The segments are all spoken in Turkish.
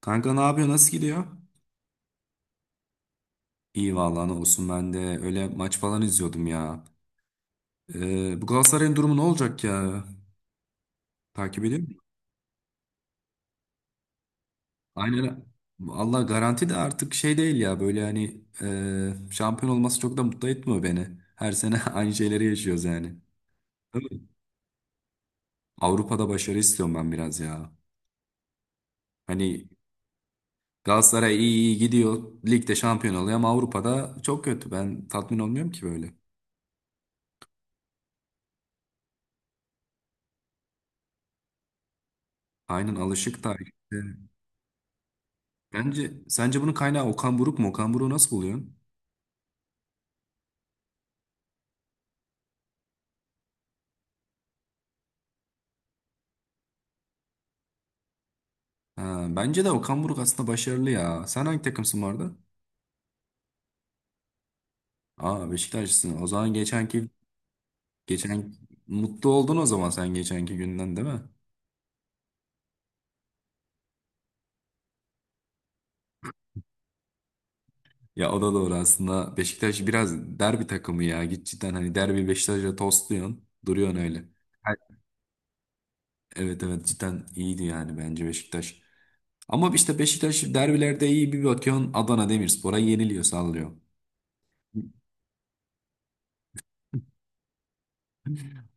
Kanka ne yapıyor? Nasıl gidiyor? İyi vallahi ne olsun ben de öyle maç falan izliyordum ya. Bu Galatasaray'ın durumu ne olacak ya? Takip ediyor musun? Aynen. Allah garanti de artık şey değil ya böyle hani şampiyon olması çok da mutlu etmiyor beni. Her sene aynı şeyleri yaşıyoruz yani. Değil mi? Avrupa'da başarı istiyorum ben biraz ya. Hani Galatasaray iyi iyi gidiyor. Ligde şampiyon oluyor ama Avrupa'da çok kötü. Ben tatmin olmuyorum ki böyle. Aynen alışık da. Sence bunun kaynağı Okan Buruk mu? Okan Buruk'u nasıl buluyorsun? Ha, bence de Okan Buruk aslında başarılı ya. Sen hangi takımsın bu arada? Aa, Beşiktaşlısın. O zaman geçenki geçen mutlu oldun o zaman sen geçenki günden, değil mi? Ya o da doğru aslında. Beşiktaş biraz derbi takımı ya. Git cidden hani derbi Beşiktaş'la tostluyorsun. Duruyorsun öyle. Evet evet, cidden iyiydi yani bence Beşiktaş. Ama işte Beşiktaş derbilerde iyi bir bakıyorsun, Adana Demirspor'a yeniliyor sallıyor.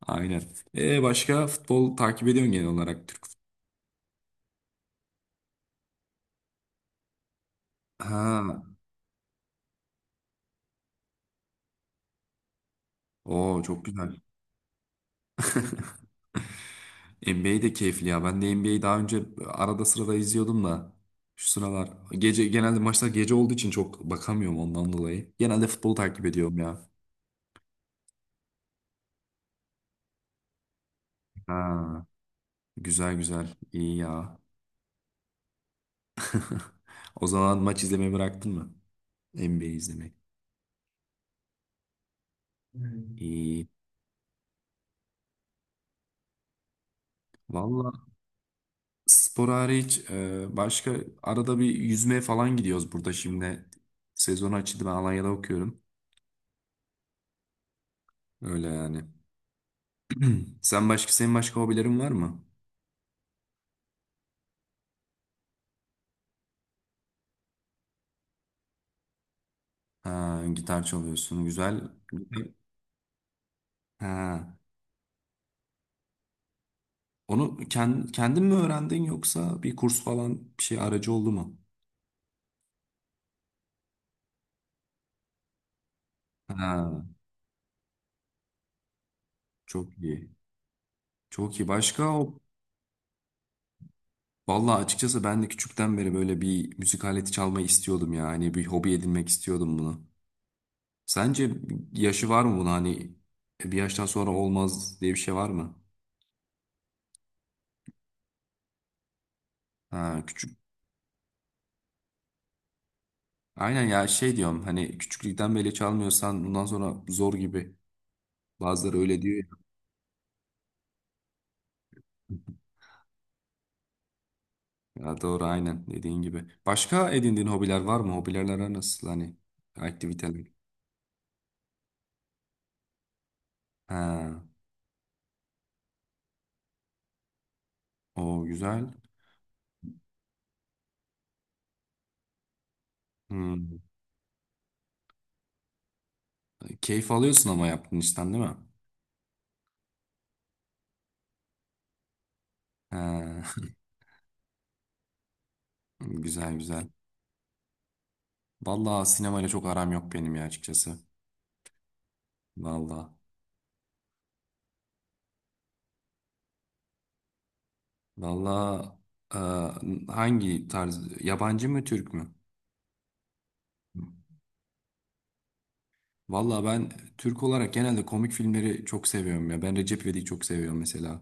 Aynen. E başka futbol takip ediyorsun, genel olarak Türk futbolu. Ha. Oo, çok güzel. NBA de keyifli ya. Ben de NBA'yi daha önce arada sırada izliyordum da şu sıralar gece, genelde maçlar gece olduğu için çok bakamıyorum ondan dolayı. Genelde futbolu takip ediyorum ya. Ha. Güzel güzel. İyi ya. O zaman maç izlemeyi bıraktın mı? NBA izlemek. İyi. Valla. Spor hariç başka arada bir yüzmeye falan gidiyoruz burada şimdi. Sezon açıldı, ben Alanya'da okuyorum. Öyle yani. Senin başka hobilerin var mı? Ha, gitar çalıyorsun, güzel. Ha, onu kendin mi öğrendin, yoksa bir kurs falan bir şey aracı oldu mu? Ha, çok iyi. Çok iyi. Başka o. Vallahi açıkçası ben de küçükten beri böyle bir müzik aleti çalmayı istiyordum ya. Hani bir hobi edinmek istiyordum bunu. Sence yaşı var mı buna, hani bir yaştan sonra olmaz diye bir şey var mı? Ha, küçük. Aynen ya, şey diyorum hani küçüklükten beri çalmıyorsan bundan sonra zor gibi. Bazıları öyle diyor ya. Ya doğru, aynen dediğin gibi. Başka edindiğin hobiler var mı? Hobilerler nasıl, hani aktiviteler? Ha, o güzel. Hmm. Keyif alıyorsun ama yaptığın işten, değil mi? Ha, güzel güzel. Vallahi sinemayla çok aram yok benim ya, açıkçası. Vallahi. Valla hangi tarz? Yabancı mı, Türk mü? Valla, ben Türk olarak genelde komik filmleri çok seviyorum ya. Ben Recep İvedik'i çok seviyorum mesela.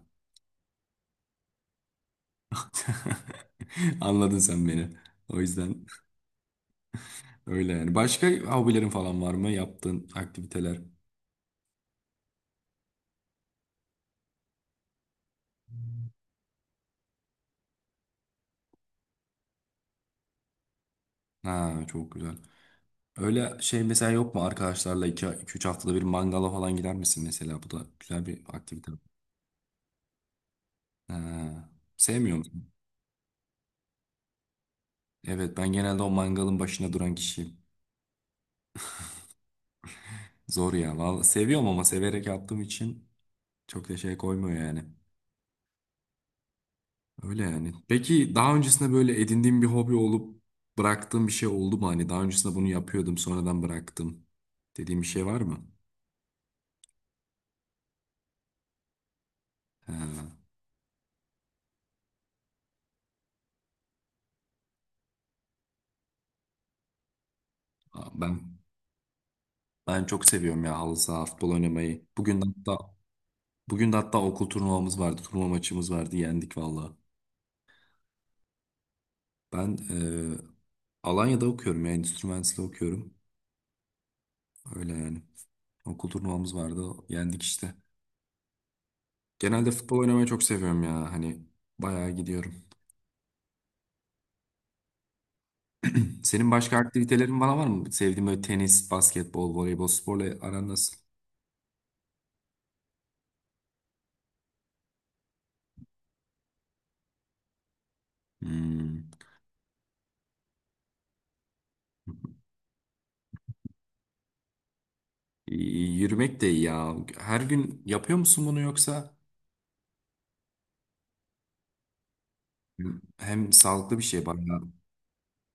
Anladın sen beni. O yüzden öyle yani. Başka hobilerin falan var mı? Yaptığın aktiviteler. Ha, çok güzel. Öyle şey mesela yok mu, arkadaşlarla iki üç haftada bir mangala falan gider misin mesela? Bu da güzel bir aktivite. Ha, sevmiyor musun? Evet, ben genelde o mangalın başına duran kişiyim. Zor ya. Vallahi seviyorum ama severek yaptığım için çok da şey koymuyor yani. Öyle yani. Peki daha öncesinde böyle edindiğim bir hobi olup bıraktığım bir şey oldu mu? Hani daha öncesinde bunu yapıyordum, sonradan bıraktım dediğim bir şey var mı? He. Ben ben çok seviyorum ya halı saha, futbol oynamayı. Bugün de hatta okul turnuvamız vardı. Turnuva maçımız vardı. Yendik valla. Ben Alanya'da okuyorum ya. Endüstri mühendisliği okuyorum. Öyle yani. Okul turnuvamız vardı. Yendik işte. Genelde futbol oynamayı çok seviyorum ya. Hani bayağı gidiyorum. Senin başka aktivitelerin bana var mı? Sevdiğin böyle tenis, basketbol, voleybol, sporla aran nasıl? Hmm. Yürümek de iyi ya. Her gün yapıyor musun bunu yoksa? Hem sağlıklı bir şey, bayağı,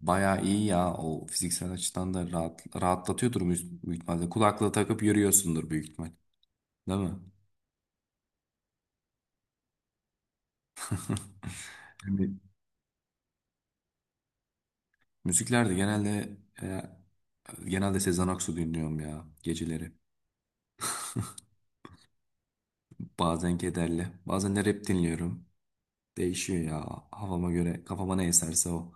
bayağı iyi ya. O fiziksel açıdan da rahatlatıyordur büyük ihtimalle. Kulaklığı takıp yürüyorsundur büyük ihtimal. Değil mi? Müziklerde genelde Sezen Aksu dinliyorum ya geceleri. Bazen kederli, bazen de rap dinliyorum. Değişiyor ya havama göre, kafama ne eserse o.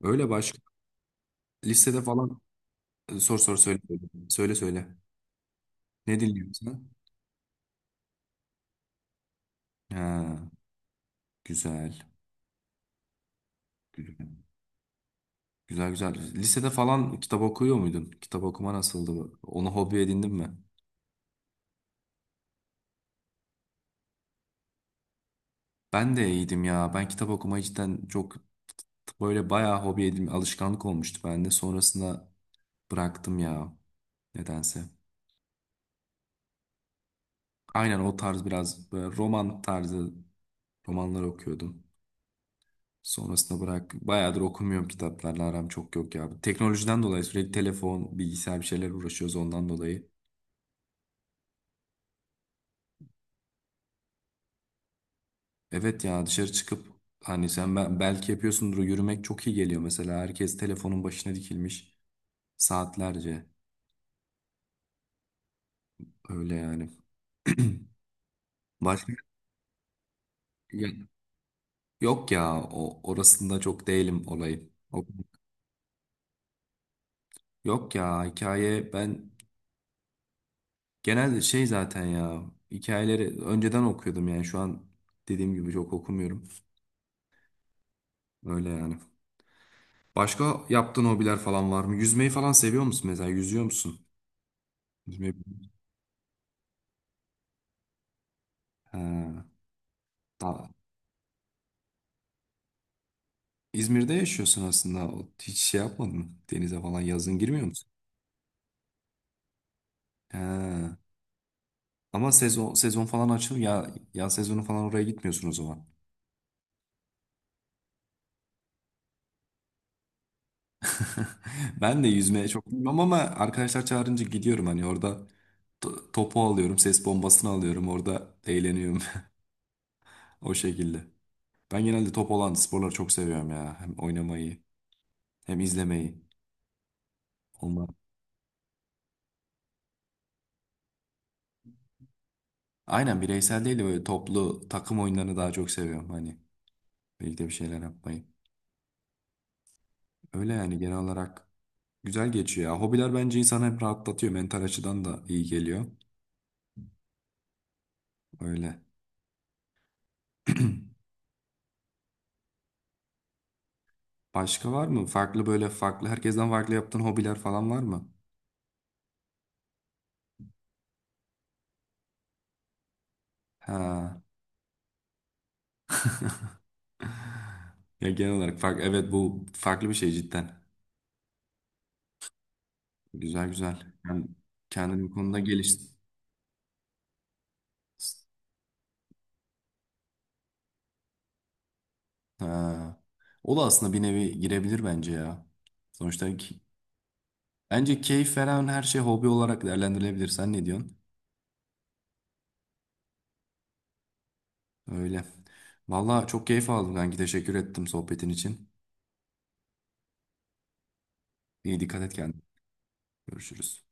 Öyle, başka. Listede falan sor sor söyle. Söyle söyle. Ne dinliyorsun sen? Ha, güzel. Güzel güzel, güzel. Lisede falan kitap okuyor muydun? Kitap okuma nasıldı? Onu hobi edindin mi? Ben de iyiydim ya. Ben kitap okumayı cidden çok böyle bayağı hobi edindim. Alışkanlık olmuştu bende. Sonrasında bıraktım ya, nedense. Aynen o tarz biraz, böyle roman tarzı romanlar okuyordum. Sonrasında bırak. Bayağıdır okumuyorum, kitaplarla aram çok yok ya. Teknolojiden dolayı sürekli telefon, bilgisayar, bir şeyler uğraşıyoruz ondan dolayı. Evet ya, dışarı çıkıp hani sen belki yapıyorsundur, yürümek çok iyi geliyor mesela. Herkes telefonun başına dikilmiş saatlerce. Öyle yani. Başka. Ya- Yok ya, o orasında çok değilim olayı. Yok ya, hikaye, ben genelde şey zaten ya, hikayeleri önceden okuyordum yani şu an dediğim gibi çok okumuyorum. Öyle yani. Başka yaptığın hobiler falan var mı? Yüzmeyi falan seviyor musun mesela? Yüzüyor musun? Yüzmeyi... He. Ta- İzmir'de yaşıyorsun aslında. Hiç şey yapmadın mı? Denize falan yazın girmiyor musun? He. Ama sezon sezon falan açıl ya, yaz sezonu falan oraya gitmiyorsun o zaman. Ben de yüzmeye çok bilmem ama arkadaşlar çağırınca gidiyorum, hani orada topu alıyorum, ses bombasını alıyorum, orada eğleniyorum o şekilde. Ben genelde top olan sporları çok seviyorum ya. Hem oynamayı hem izlemeyi. Olmaz. Aynen, bireysel değil de böyle toplu takım oyunlarını daha çok seviyorum. Hani birlikte bir şeyler yapmayı. Öyle yani, genel olarak güzel geçiyor ya. Hobiler bence insanı hep rahatlatıyor. Mental açıdan da iyi geliyor. Öyle. Başka var mı? Farklı, böyle farklı, herkesten farklı yaptığın hobiler falan var mı? Ha. Ya genel olarak fark, evet, bu farklı bir şey cidden. Güzel güzel. Yani kendini bu konuda geliş. Ha. O da aslında bir nevi girebilir bence ya. Sonuçta bence keyif veren her şey hobi olarak değerlendirilebilir. Sen ne diyorsun? Öyle. Valla çok keyif aldım kanki. Teşekkür ettim sohbetin için. İyi, dikkat et kendine. Görüşürüz.